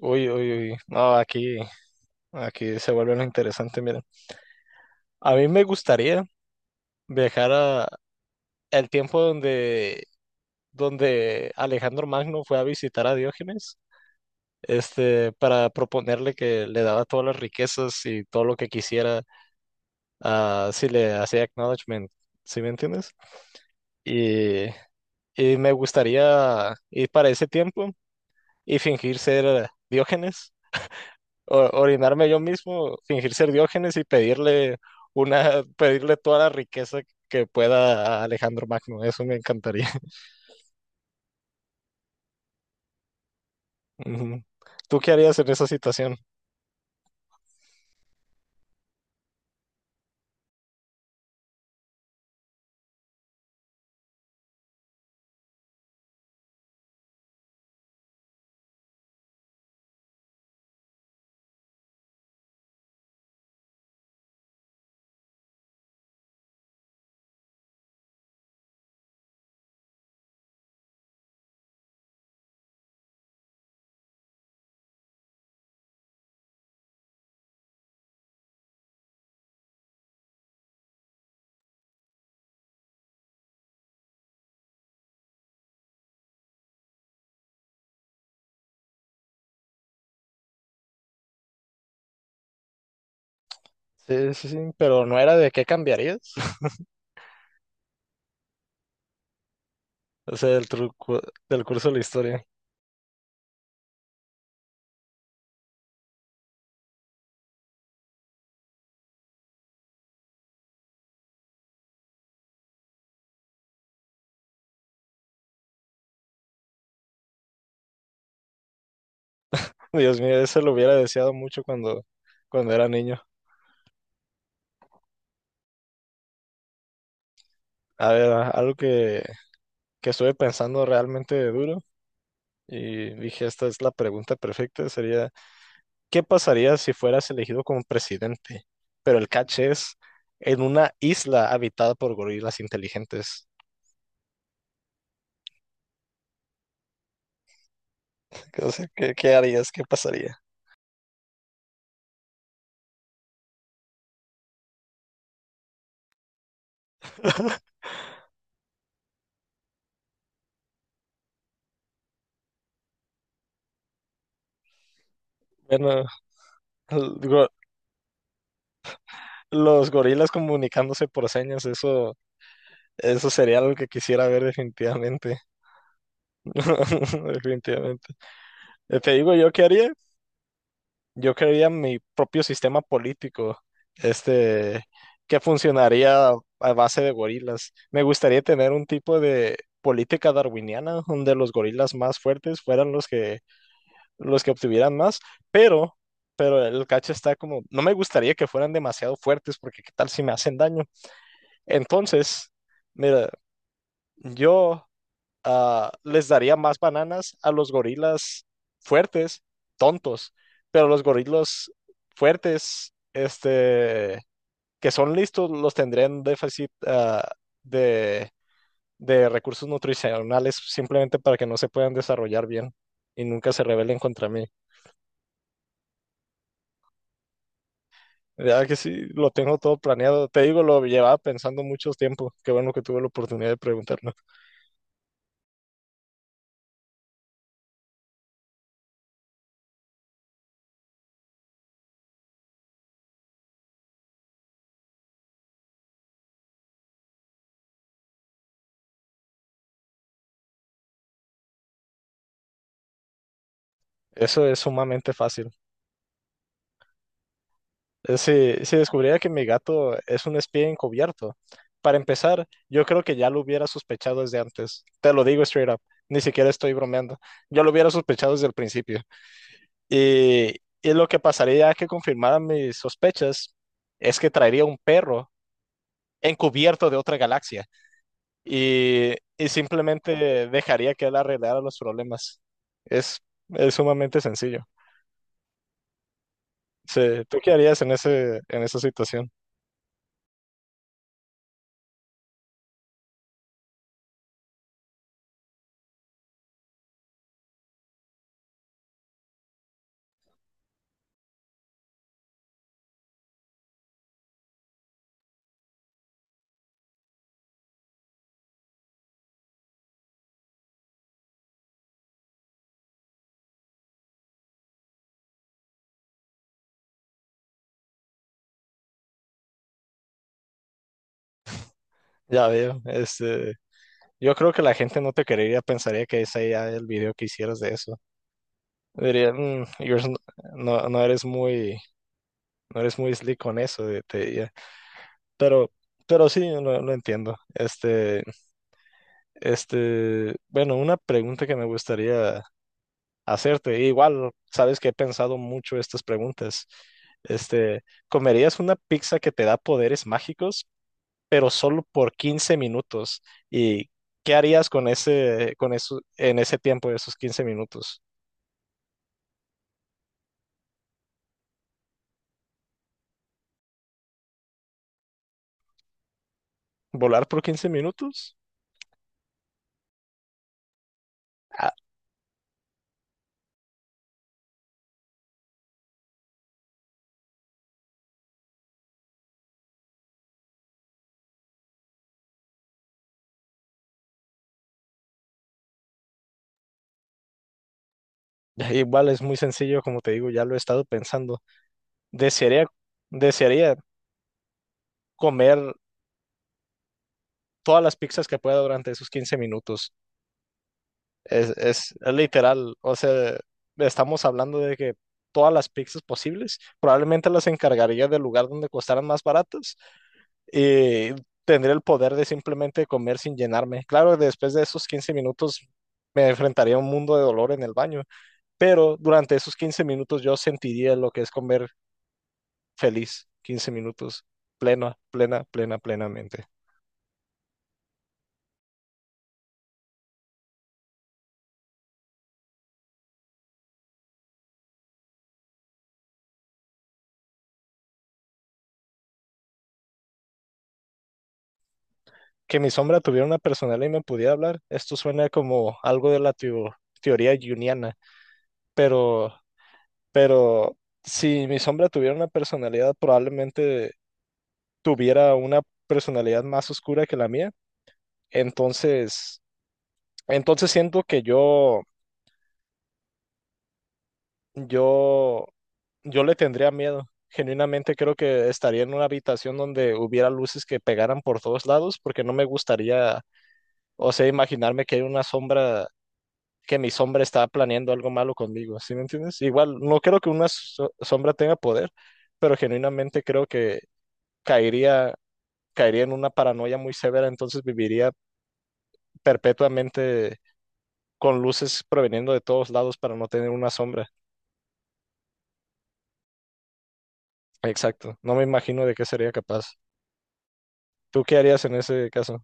Uy, uy, uy. No, aquí se vuelve lo interesante, miren. A mí me gustaría viajar a el tiempo donde Alejandro Magno fue a visitar a Diógenes, para proponerle que le daba todas las riquezas y todo lo que quisiera, si le hacía acknowledgement, ¿sí me entiendes? Y, y me gustaría ir para ese tiempo y fingir ser Diógenes orinarme yo mismo, fingir ser Diógenes y pedirle pedirle toda la riqueza que pueda a Alejandro Magno. Eso me encantaría. Ujú. ¿Tú qué harías en esa situación? Sí, sí, sí, pero no era de qué cambiarías. O sea, del truco, del curso de la historia. Dios mío, eso lo hubiera deseado mucho cuando era niño. A ver, algo que estuve pensando realmente duro y dije, esta es la pregunta perfecta, sería, ¿qué pasaría si fueras elegido como presidente? Pero el catch es en una isla habitada por gorilas inteligentes. O sea, ¿qué harías? ¿Qué pasaría? Bueno, el go- los gorilas comunicándose por señas, eso sería algo que quisiera ver definitivamente. Definitivamente. Te digo yo qué haría. Yo crearía mi propio sistema político, este, que funcionaría a base de gorilas. Me gustaría tener un tipo de política darwiniana donde los gorilas más fuertes fueran los que obtuvieran más, pero pero el cacho está como, no me gustaría que fueran demasiado fuertes porque qué tal si me hacen daño. Entonces, mira, yo les daría más bananas a los gorilas fuertes, tontos, pero los gorilas fuertes, que son listos, los tendrían un déficit de, de recursos nutricionales simplemente para que no se puedan desarrollar bien y nunca se rebelen contra mí. Ya que sí, lo tengo todo planeado. Te digo, lo llevaba pensando mucho tiempo. Qué bueno que tuve la oportunidad de preguntarlo. Eso es sumamente fácil. Si descubriera que mi gato es un espía encubierto, para empezar, yo creo que ya lo hubiera sospechado desde antes. Te lo digo straight up, ni siquiera estoy bromeando. Yo lo hubiera sospechado desde el principio. Y, y lo que pasaría que confirmara mis sospechas es que traería un perro encubierto de otra galaxia y simplemente dejaría que él arreglara los problemas. Es, es sumamente sencillo. Sí, ¿tú qué harías en ese, en esa situación? Ya veo. Yo creo que la gente no te creería, pensaría que ese era el video que hicieras de eso. Diría: "Mm, no, no eres muy slick con eso". Pero, pero sí, lo entiendo. Bueno, una pregunta que me gustaría hacerte, igual, sabes que he pensado mucho estas preguntas. Este, ¿comerías una pizza que te da poderes mágicos, pero solo por 15 minutos? ¿Y qué harías con ese, con eso, en ese tiempo de esos 15 minutos? ¿Volar por 15 minutos? Ah, igual es muy sencillo, como te digo, ya lo he estado pensando. Desearía, desearía comer, todas las pizzas que pueda durante esos 15 minutos. Es literal, o sea, estamos hablando de que todas las pizzas posibles, probablemente las encargaría del lugar donde costaran más baratas y tendría el poder de simplemente comer sin llenarme. Claro, después de esos 15 minutos me enfrentaría a un mundo de dolor en el baño, pero durante esos 15 minutos yo sentiría lo que es comer feliz, 15 minutos, plena, plena, plena, plenamente. Que mi sombra tuviera una personalidad y me pudiera hablar. Esto suena como algo de la teoría junguiana, pero, pero si mi sombra tuviera una personalidad, probablemente tuviera una personalidad más oscura que la mía. Entonces, entonces siento que yo, yo le tendría miedo. Genuinamente creo que estaría en una habitación donde hubiera luces que pegaran por todos lados, porque no me gustaría, o sea, imaginarme que hay una sombra que mi sombra está planeando algo malo conmigo, ¿sí me entiendes? Igual, no creo que una sombra tenga poder, pero genuinamente creo que caería, caería en una paranoia muy severa, entonces viviría perpetuamente con luces proveniendo de todos lados para no tener una sombra. Exacto, no me imagino de qué sería capaz. ¿Tú qué harías en ese caso?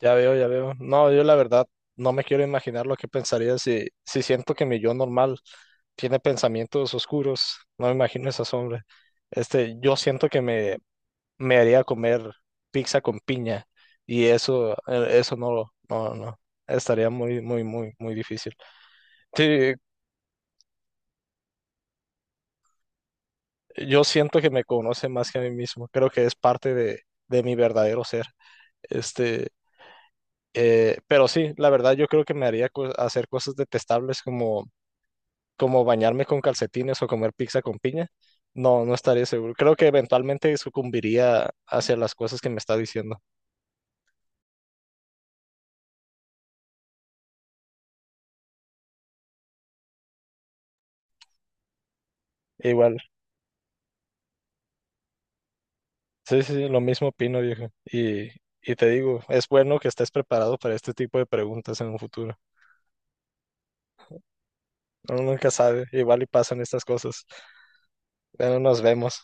Ya veo, ya veo. No, yo la verdad no me quiero imaginar lo que pensaría si siento que mi yo normal tiene pensamientos oscuros, no me imagino esa sombra. Yo siento que me haría comer pizza con piña y eso, eso no, no, no, estaría muy, muy, muy, muy difícil. Sí, yo siento que me conoce más que a mí mismo, creo que es parte de mi verdadero ser. Este, pero sí, la verdad yo creo que me haría hacer cosas detestables como bañarme con calcetines o comer pizza con piña, no, no estaría seguro. Creo que eventualmente sucumbiría hacia las cosas que me está diciendo. Igual, sí, sí, sí, lo mismo opino, viejo. Y te digo, es bueno que estés preparado para este tipo de preguntas en un futuro. Uno nunca sabe, igual y pasan estas cosas. Bueno, nos vemos.